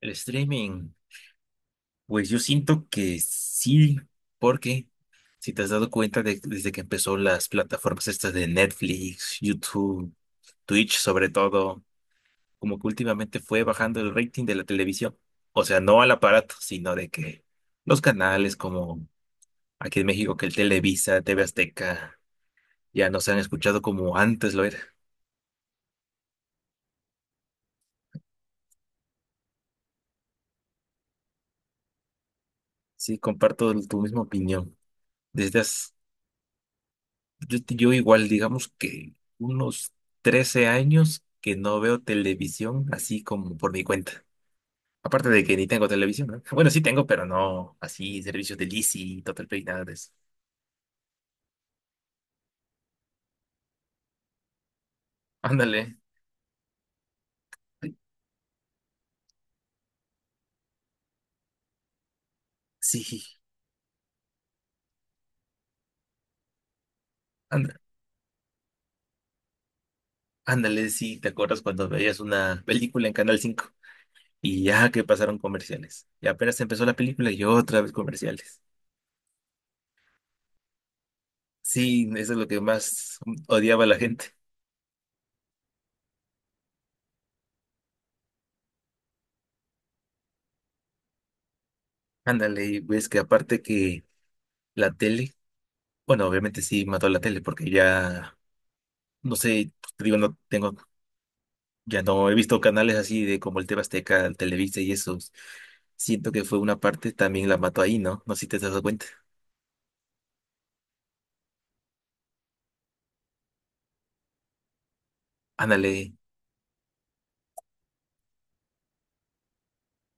El streaming, pues yo siento que sí, porque si te has dado cuenta desde que empezó las plataformas estas de Netflix, YouTube, Twitch sobre todo, como que últimamente fue bajando el rating de la televisión. O sea, no al aparato, sino de que los canales como aquí en México, que el Televisa, TV Azteca, ya no se han escuchado como antes lo era. Sí, comparto tu misma opinión. Desde hace- yo igual, digamos que unos 13 años que no veo televisión así como por mi cuenta. Aparte de que ni tengo televisión, ¿no? Bueno, sí tengo, pero no así servicios de Lizzy, Total Play, nada de eso. Ándale. Sí, ándale, ándale, sí, ¿te acuerdas cuando veías una película en Canal 5? Y ya que pasaron comerciales. Y apenas empezó la película y otra vez comerciales. Sí, eso es lo que más odiaba a la gente. Ándale, y ves que aparte que la tele. Bueno, obviamente sí mató la tele porque ya, no sé, pues, te digo, no tengo, ya no he visto canales así de como el TV Azteca, el Televisa y esos. Siento que fue una parte, también la mató ahí, ¿no? No sé si te has dado cuenta. Ándale,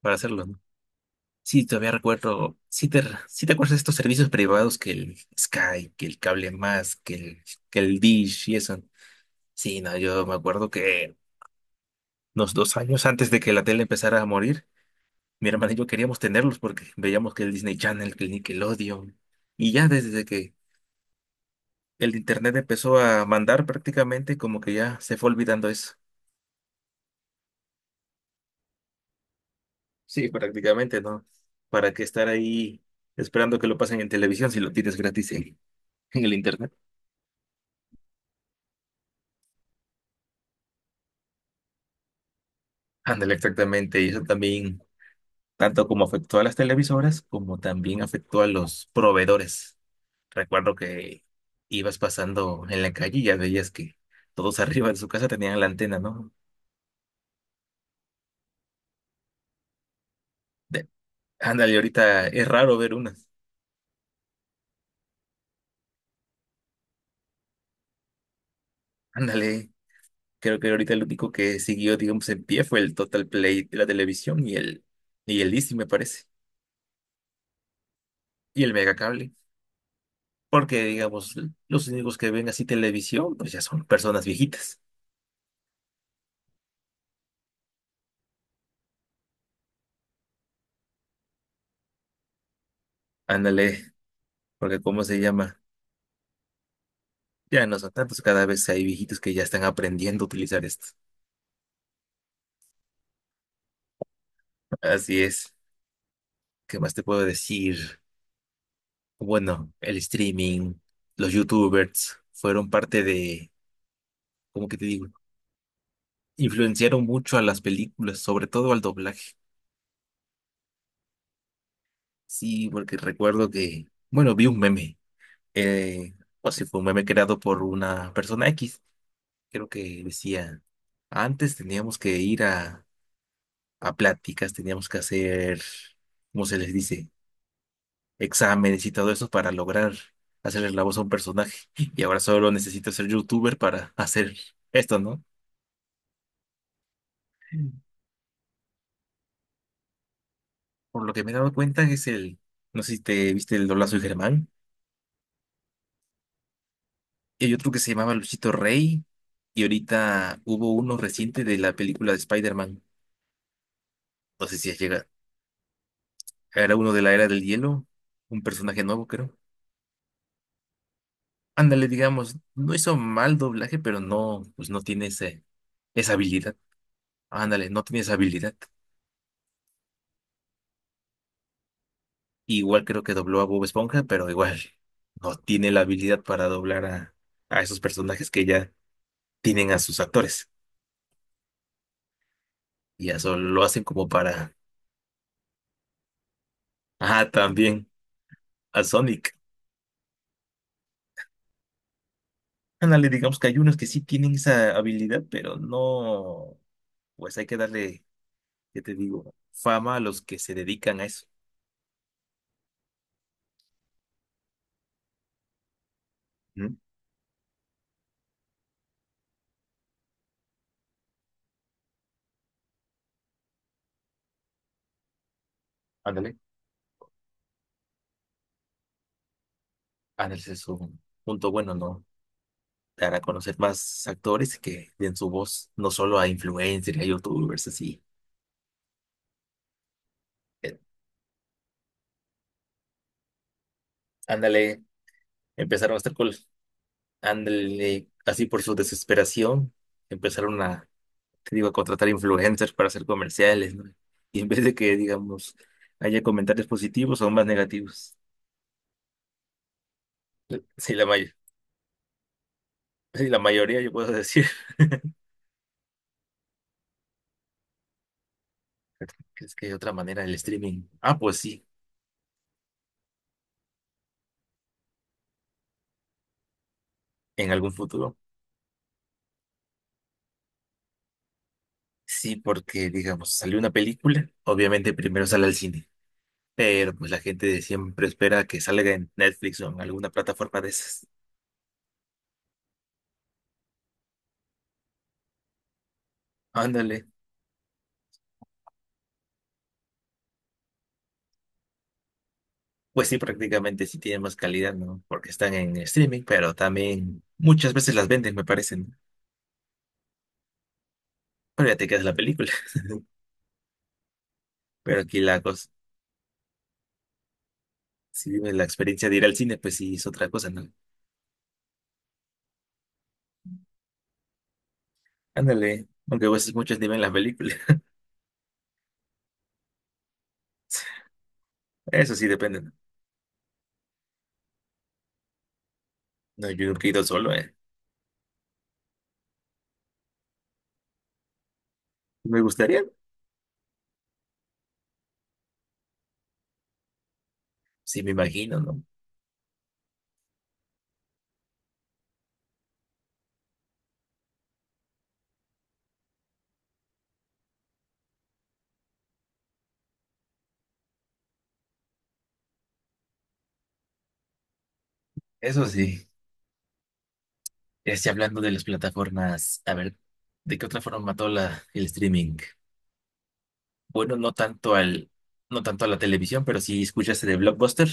para hacerlo, ¿no? Sí, todavía recuerdo, sí te acuerdas de estos servicios privados que el Sky, que el Cable Más, que el Dish y eso. Sí, no, yo me acuerdo que unos 2 años antes de que la tele empezara a morir, mi hermana y yo queríamos tenerlos porque veíamos que el Disney Channel, que el Nickelodeon. Y ya desde que el internet empezó a mandar prácticamente, como que ya se fue olvidando eso. Sí, prácticamente, ¿no? ¿Para qué estar ahí esperando que lo pasen en televisión si lo tienes gratis en el internet? Ándale, exactamente. Y eso también, tanto como afectó a las televisoras, como también afectó a los proveedores. Recuerdo que ibas pasando en la calle y ya veías que todos arriba de su casa tenían la antena, ¿no? De- Ándale, ahorita es raro ver unas. Ándale, creo que ahorita el único que siguió, digamos, en pie fue el Total Play de la televisión y el Easy, me parece, y el Megacable. Porque, digamos, los únicos que ven así televisión, pues ya son personas viejitas. Ándale, porque ¿cómo se llama? Ya no son tantos, cada vez hay viejitos que ya están aprendiendo a utilizar esto. Así es. ¿Qué más te puedo decir? Bueno, el streaming, los YouTubers fueron parte de, ¿cómo que te digo? Influenciaron mucho a las películas, sobre todo al doblaje. Sí, porque recuerdo que, bueno, vi un meme, eh, o si fue un meme creado por una persona X, creo que decía, antes teníamos que ir a, pláticas, teníamos que hacer, ¿cómo se les dice? Exámenes y todo eso para lograr hacerle la voz a un personaje. Y ahora solo necesito ser youtuber para hacer esto, ¿no? Por lo que me he dado cuenta es el, no sé si te viste el doblazo de Germán. Y hay otro que se llamaba Luchito Rey. Y ahorita hubo uno reciente de la película de Spider-Man. No sé si es llegado. Era uno de la Era del Hielo. Un personaje nuevo, creo. Ándale, digamos, no hizo mal doblaje, pero no, pues no tiene ese, esa habilidad. Ándale, no tiene esa habilidad. Igual creo que dobló a Bob Esponja, pero igual no tiene la habilidad para doblar a esos personajes que ya tienen a sus actores. Y eso lo hacen como para... Ah, también a Sonic. Ándale, digamos que hay unos que sí tienen esa habilidad, pero no, pues hay que darle, ¿qué te digo? Fama a los que se dedican a eso. ¿Mm? Ándale. Ándale, ese es un punto bueno, ¿no? Dar a conocer más actores que den su voz, no solo a influencers, a youtubers, así. Eh, Ándale, empezaron a estar cool. Ándale, así por su desesperación, empezaron a, te digo, a contratar influencers para hacer comerciales, ¿no? Y en vez de que, digamos, haya comentarios positivos, son más negativos. Sí, sí, la mayoría yo puedo decir. ¿Crees que hay otra manera del streaming? Ah, pues sí, en algún futuro. Sí, porque digamos, salió una película, obviamente primero sale al cine, pero pues la gente siempre espera que salga en Netflix o en alguna plataforma de esas. Ándale. Pues sí, prácticamente sí tiene más calidad, ¿no? Porque están en streaming, pero también muchas veces las venden, me parecen. Pero ya te quedas la película. Pero aquí la cosa, si vives la experiencia de ir al cine, pues sí es otra cosa, ¿no? Ándale, aunque a veces muchos ni ven las películas. Eso sí depende, ¿no? No, yo nunca he ido solo, ¿eh? Me gustaría, sí, me imagino, ¿no? Eso sí. Este, hablando de las plataformas, a ver, ¿de qué otra forma mató la, el streaming? Bueno, no tanto no tanto a la televisión, pero sí escuchaste de Blockbuster.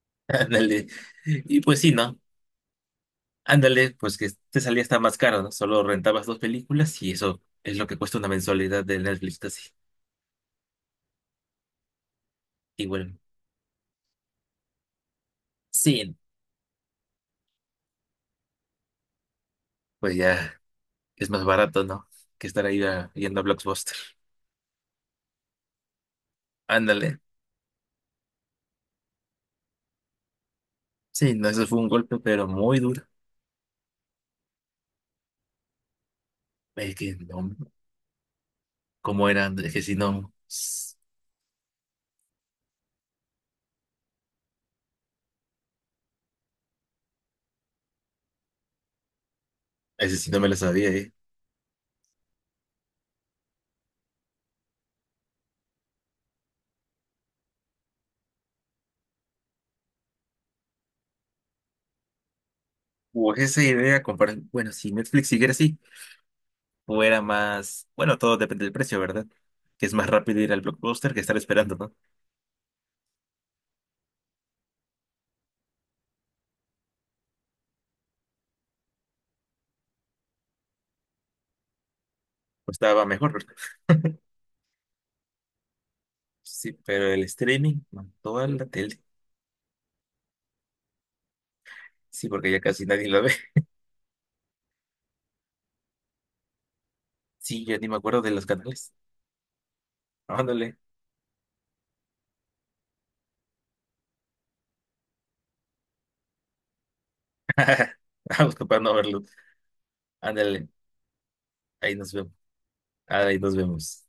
Ándale. Y pues sí, ¿no? Ándale, pues que te salía hasta más caro, ¿no? Solo rentabas dos películas y eso es lo que cuesta una mensualidad de Netflix, así. Y bueno, sí, pues ya. Es más barato, ¿no? Que estar ahí yendo a Blockbuster. Ándale. Sí, no, eso fue un golpe, pero muy duro. Es que no, ¿cómo era? Es que si no, ese sí no me lo sabía, ¿eh? O esa idea, comparar, bueno, si Netflix siguiera así, o era más, bueno, todo depende del precio, ¿verdad? Que es más rápido ir al Blockbuster que estar esperando, ¿no? Pues estaba mejor, ¿verdad? Sí, pero el streaming mató a la tele. Sí, porque ya casi nadie lo ve. Sí, yo ni me acuerdo de los canales. Ándale, vamos capaz no verlo. Ándale, ahí nos vemos. Ahí nos vemos.